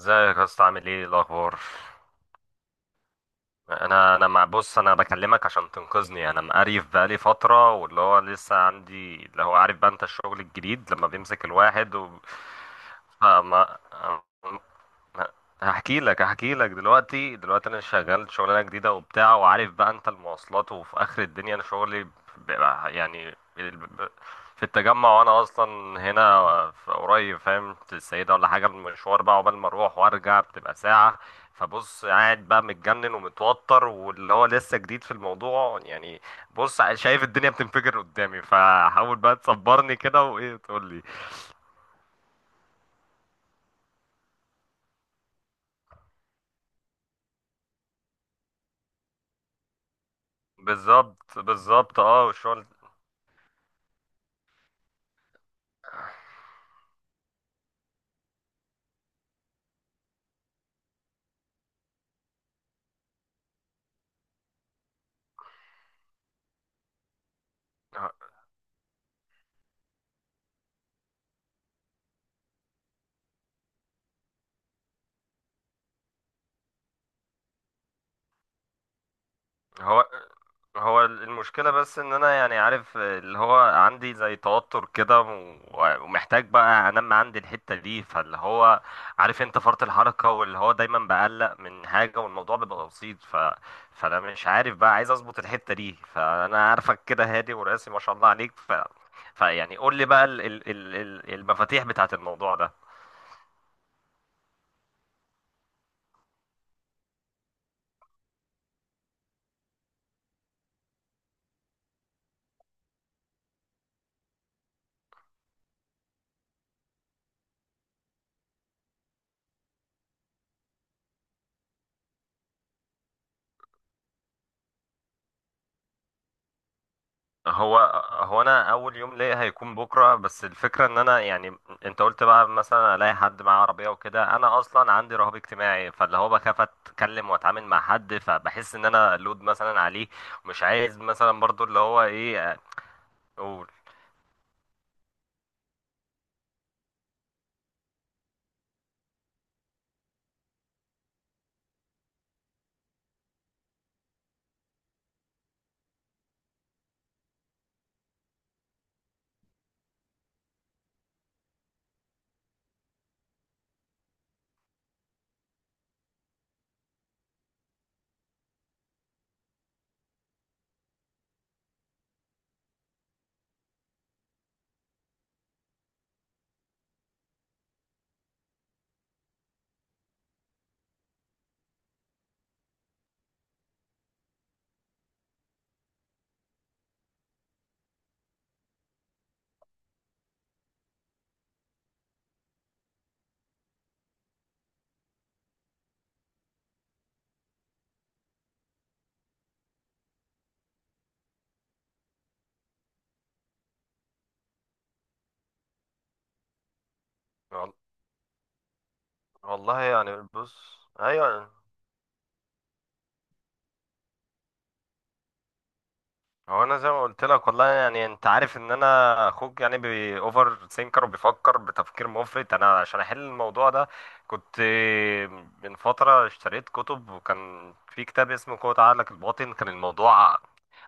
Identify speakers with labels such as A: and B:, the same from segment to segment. A: ازيك يا اسطى، عامل ايه الاخبار؟ انا انا مع بص، انا بكلمك عشان تنقذني، يعني انا مقريف بقالي فتره، واللي هو لسه عندي اللي هو عارف بقى انت، الشغل الجديد لما بيمسك الواحد و... فما لا، هحكي لك هحكي لك دلوقتي دلوقتي، انا شغال شغلانه جديده وبتاع، وعارف بقى انت المواصلات، وفي اخر الدنيا انا شغلي بيبقى يعني في التجمع، وانا اصلا هنا في قريب، فاهم؟ في السيده ولا حاجه، المشوار بقى عقبال ما اروح وارجع بتبقى ساعه. فبص، قاعد بقى متجنن ومتوتر، واللي هو لسه جديد في الموضوع يعني. بص، شايف الدنيا بتنفجر قدامي، فحاول بقى تصبرني كده، وايه تقول لي؟ بالظبط بالظبط، اه، والشغل. هو هو المشكلة، بس ان انا يعني عارف اللي هو عندي زي توتر كده، ومحتاج بقى انمي عندي الحتة دي، فاللي هو عارف انت فرط الحركة، واللي هو دايما بقلق من حاجة والموضوع بيبقى بسيط. فانا مش عارف بقى، عايز اظبط الحتة دي، فانا عارفك كده هادي وراسي ما شاء الله عليك. فيعني قول لي بقى المفاتيح بتاعت الموضوع ده. هو هو انا اول يوم ليا هيكون بكره، بس الفكره ان انا يعني انت قلت بقى مثلا الاقي حد معاه عربيه وكده، انا اصلا عندي رهاب اجتماعي، فاللي هو بخاف اتكلم واتعامل مع حد، فبحس ان انا لود مثلا عليه، مش عايز مثلا برضو اللي هو ايه. اقول وال- والله يعني، بص، ايوه. هو انا زي ما قلت لك، والله يعني، انت عارف ان انا اخوك يعني بي اوفر ثينكر، وبيفكر بتفكير مفرط، انا عشان احل الموضوع ده كنت من فتره اشتريت كتب، وكان في كتاب اسمه قوة عقلك الباطن. كان الموضوع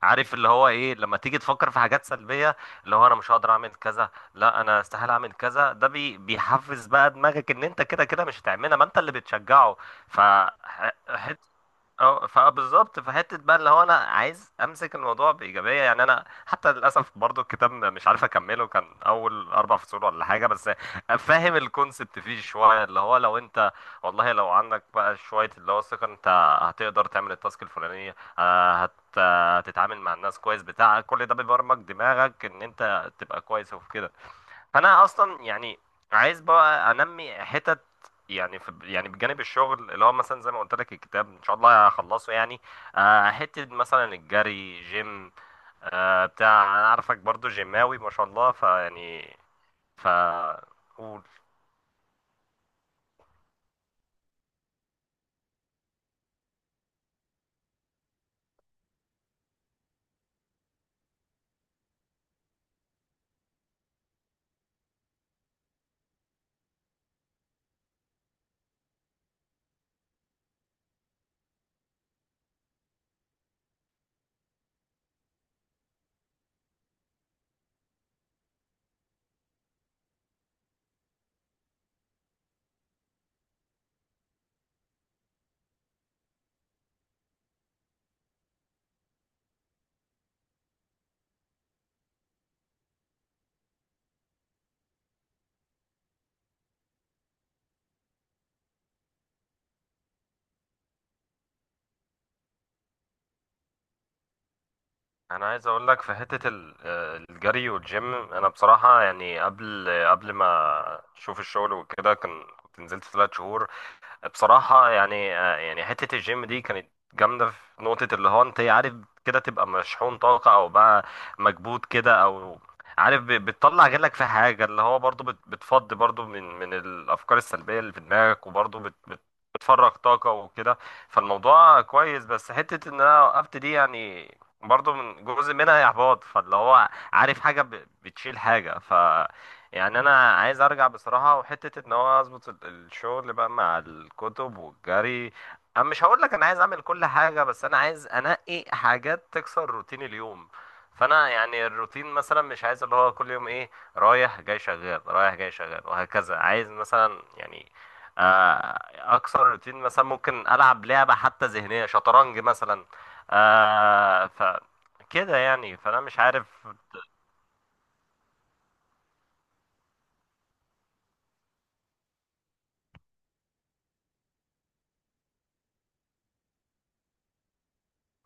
A: عارف اللي هو ايه، لما تيجي تفكر في حاجات سلبيه، اللي هو انا مش هقدر اعمل كذا، لا انا استحيل اعمل كذا، ده بيحفز بقى دماغك ان انت كده كده مش هتعملها، ما انت اللي بتشجعه. ف اه، فبالظبط في حته بقى، اللي هو انا عايز امسك الموضوع بايجابيه يعني، انا حتى للاسف برضو الكتاب مش عارف اكمله، كان اول 4 فصول ولا حاجه بس. فاهم الكونسبت فيه شويه، اللي هو لو انت، والله لو عندك بقى شويه اللي هو الثقه، انت هتقدر تعمل التاسك الفلانيه، هتتعامل مع الناس كويس بتاع كل ده، بيبرمج دماغك ان انت تبقى كويس، وفي كده. فانا اصلا يعني عايز بقى انمي حتت، يعني في، يعني بجانب الشغل، اللي هو مثلا زي ما قلت لك الكتاب ان شاء الله هخلصه يعني. حته مثلا الجري، جيم. بتاع انا عارفك برضو جيماوي ما شاء الله، فيعني. ف قول. انا عايز اقول لك في حته الجري والجيم، انا بصراحه يعني قبل ما اشوف الشغل وكده، كنت نزلت 3 شهور. بصراحة يعني يعني حتة الجيم دي كانت جامدة في نقطة، اللي هو انت عارف كده تبقى مشحون طاقة، او بقى مكبوت كده، او عارف بتطلع غلك في حاجة، اللي هو برضو بتفضي برضو من الافكار السلبية اللي في دماغك، وبرضو بتفرغ طاقة وكده. فالموضوع كويس، بس حتة ان انا وقفت دي يعني، برضو من جزء منها احباط، فاللي هو عارف حاجة بتشيل حاجة. يعني انا عايز ارجع بصراحه، وحته ان هو اظبط الشغل بقى مع الكتب والجري. انا مش هقول لك انا عايز اعمل كل حاجه، بس انا عايز انقي حاجات تكسر روتين اليوم. فانا يعني الروتين مثلا مش عايز اللي هو كل يوم ايه، رايح جاي شغال، رايح جاي شغال، وهكذا. عايز مثلا يعني آه، اكسر روتين، مثلا ممكن العب لعبه حتى ذهنيه، شطرنج مثلا. ف كده يعني، فانا مش عارف.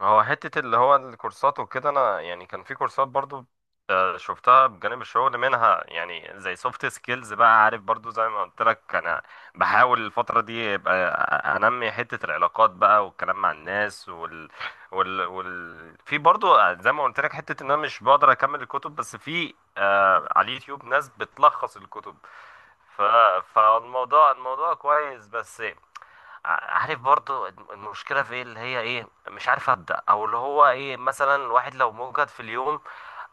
A: هو حتة اللي هو الكورسات وكده، أنا يعني كان في كورسات برضو شفتها بجانب الشغل، منها يعني زي سوفت سكيلز بقى، عارف برضو زي ما قلت لك. أنا بحاول الفترة دي يبقى أنمي حتة العلاقات بقى والكلام مع الناس، في برضو زي ما قلت لك حتة إن أنا مش بقدر أكمل الكتب، بس في على اليوتيوب ناس بتلخص الكتب. ف... فالموضوع كويس، بس عارف برضو المشكلة في ايه، اللي هي ايه مش عارف أبدأ، او اللي هو ايه مثلا الواحد لو موجد في اليوم،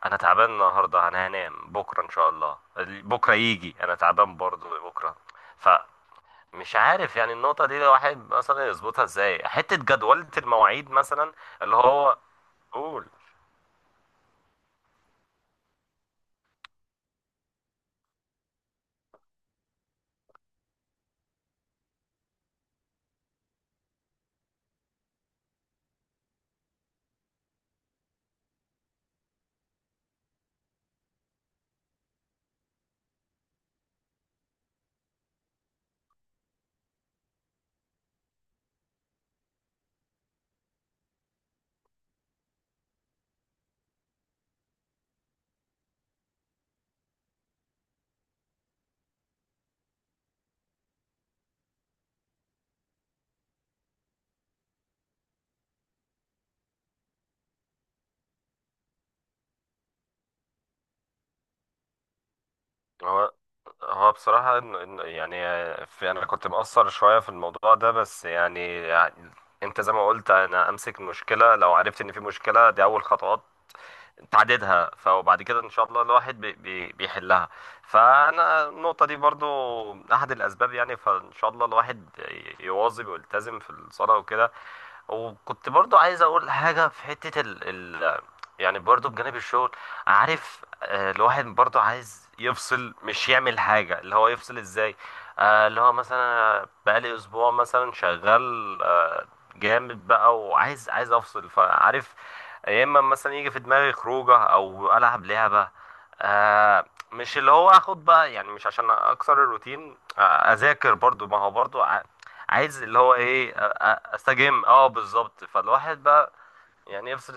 A: انا تعبان النهاردة انا هنام بكرة ان شاء الله، بكرة يجي انا تعبان برضو بكرة، فمش عارف يعني النقطة دي الواحد مثلا يظبطها ازاي، حتة جدولة المواعيد مثلا اللي هو. قول. هو هو بصراحة يعني في، أنا كنت مقصر شوية في الموضوع ده، بس يعني أنت زي ما قلت، أنا أمسك المشكلة لو عرفت إن في مشكلة، دي أول خطوات تعددها، فوبعد كده إن شاء الله الواحد بي بي بيحلها. فأنا النقطة دي برضو أحد الأسباب يعني، فإن شاء الله الواحد يواظب ويلتزم في الصلاة وكده. وكنت برضو عايز اقول حاجة في حتة يعني برضو بجانب الشغل، عارف الواحد برضو عايز يفصل، مش يعمل حاجة، اللي هو يفصل ازاي. اللي هو مثلا بقالي اسبوع مثلا شغال جامد بقى، وعايز افصل فعارف. يا اما مثلا يجي في دماغي خروجه، او العب لعبه. آه مش اللي هو اخد بقى، يعني مش عشان اكسر الروتين. اذاكر برضو، ما هو برضو عايز اللي هو ايه، استجم، اه، بالظبط، فالواحد بقى يعني يفصل.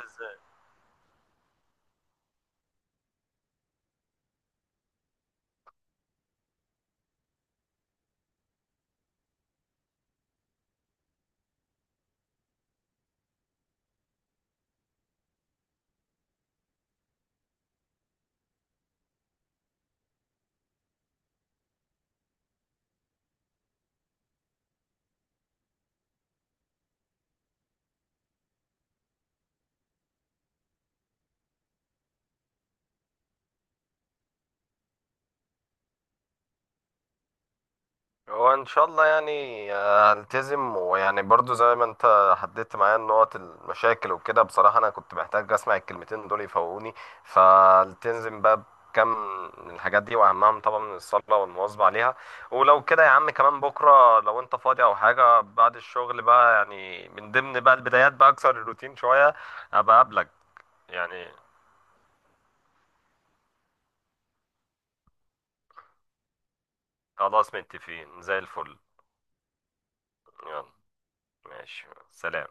A: هو ان شاء الله يعني، هلتزم، ويعني برضو زي ما انت حددت معايا النقط المشاكل وكده، بصراحة انا كنت محتاج اسمع الكلمتين دول يفوقوني. فالتزم بقى بكم من الحاجات دي، واهمهم طبعا الصلاة والمواظبة عليها. ولو كده يا عم، كمان بكرة لو انت فاضي او حاجة بعد الشغل بقى، يعني من ضمن بقى البدايات بقى، اكسر الروتين شوية، ابقى اقابلك يعني. خلاص، متفقين زي الفل. يلا، ماشي، سلام.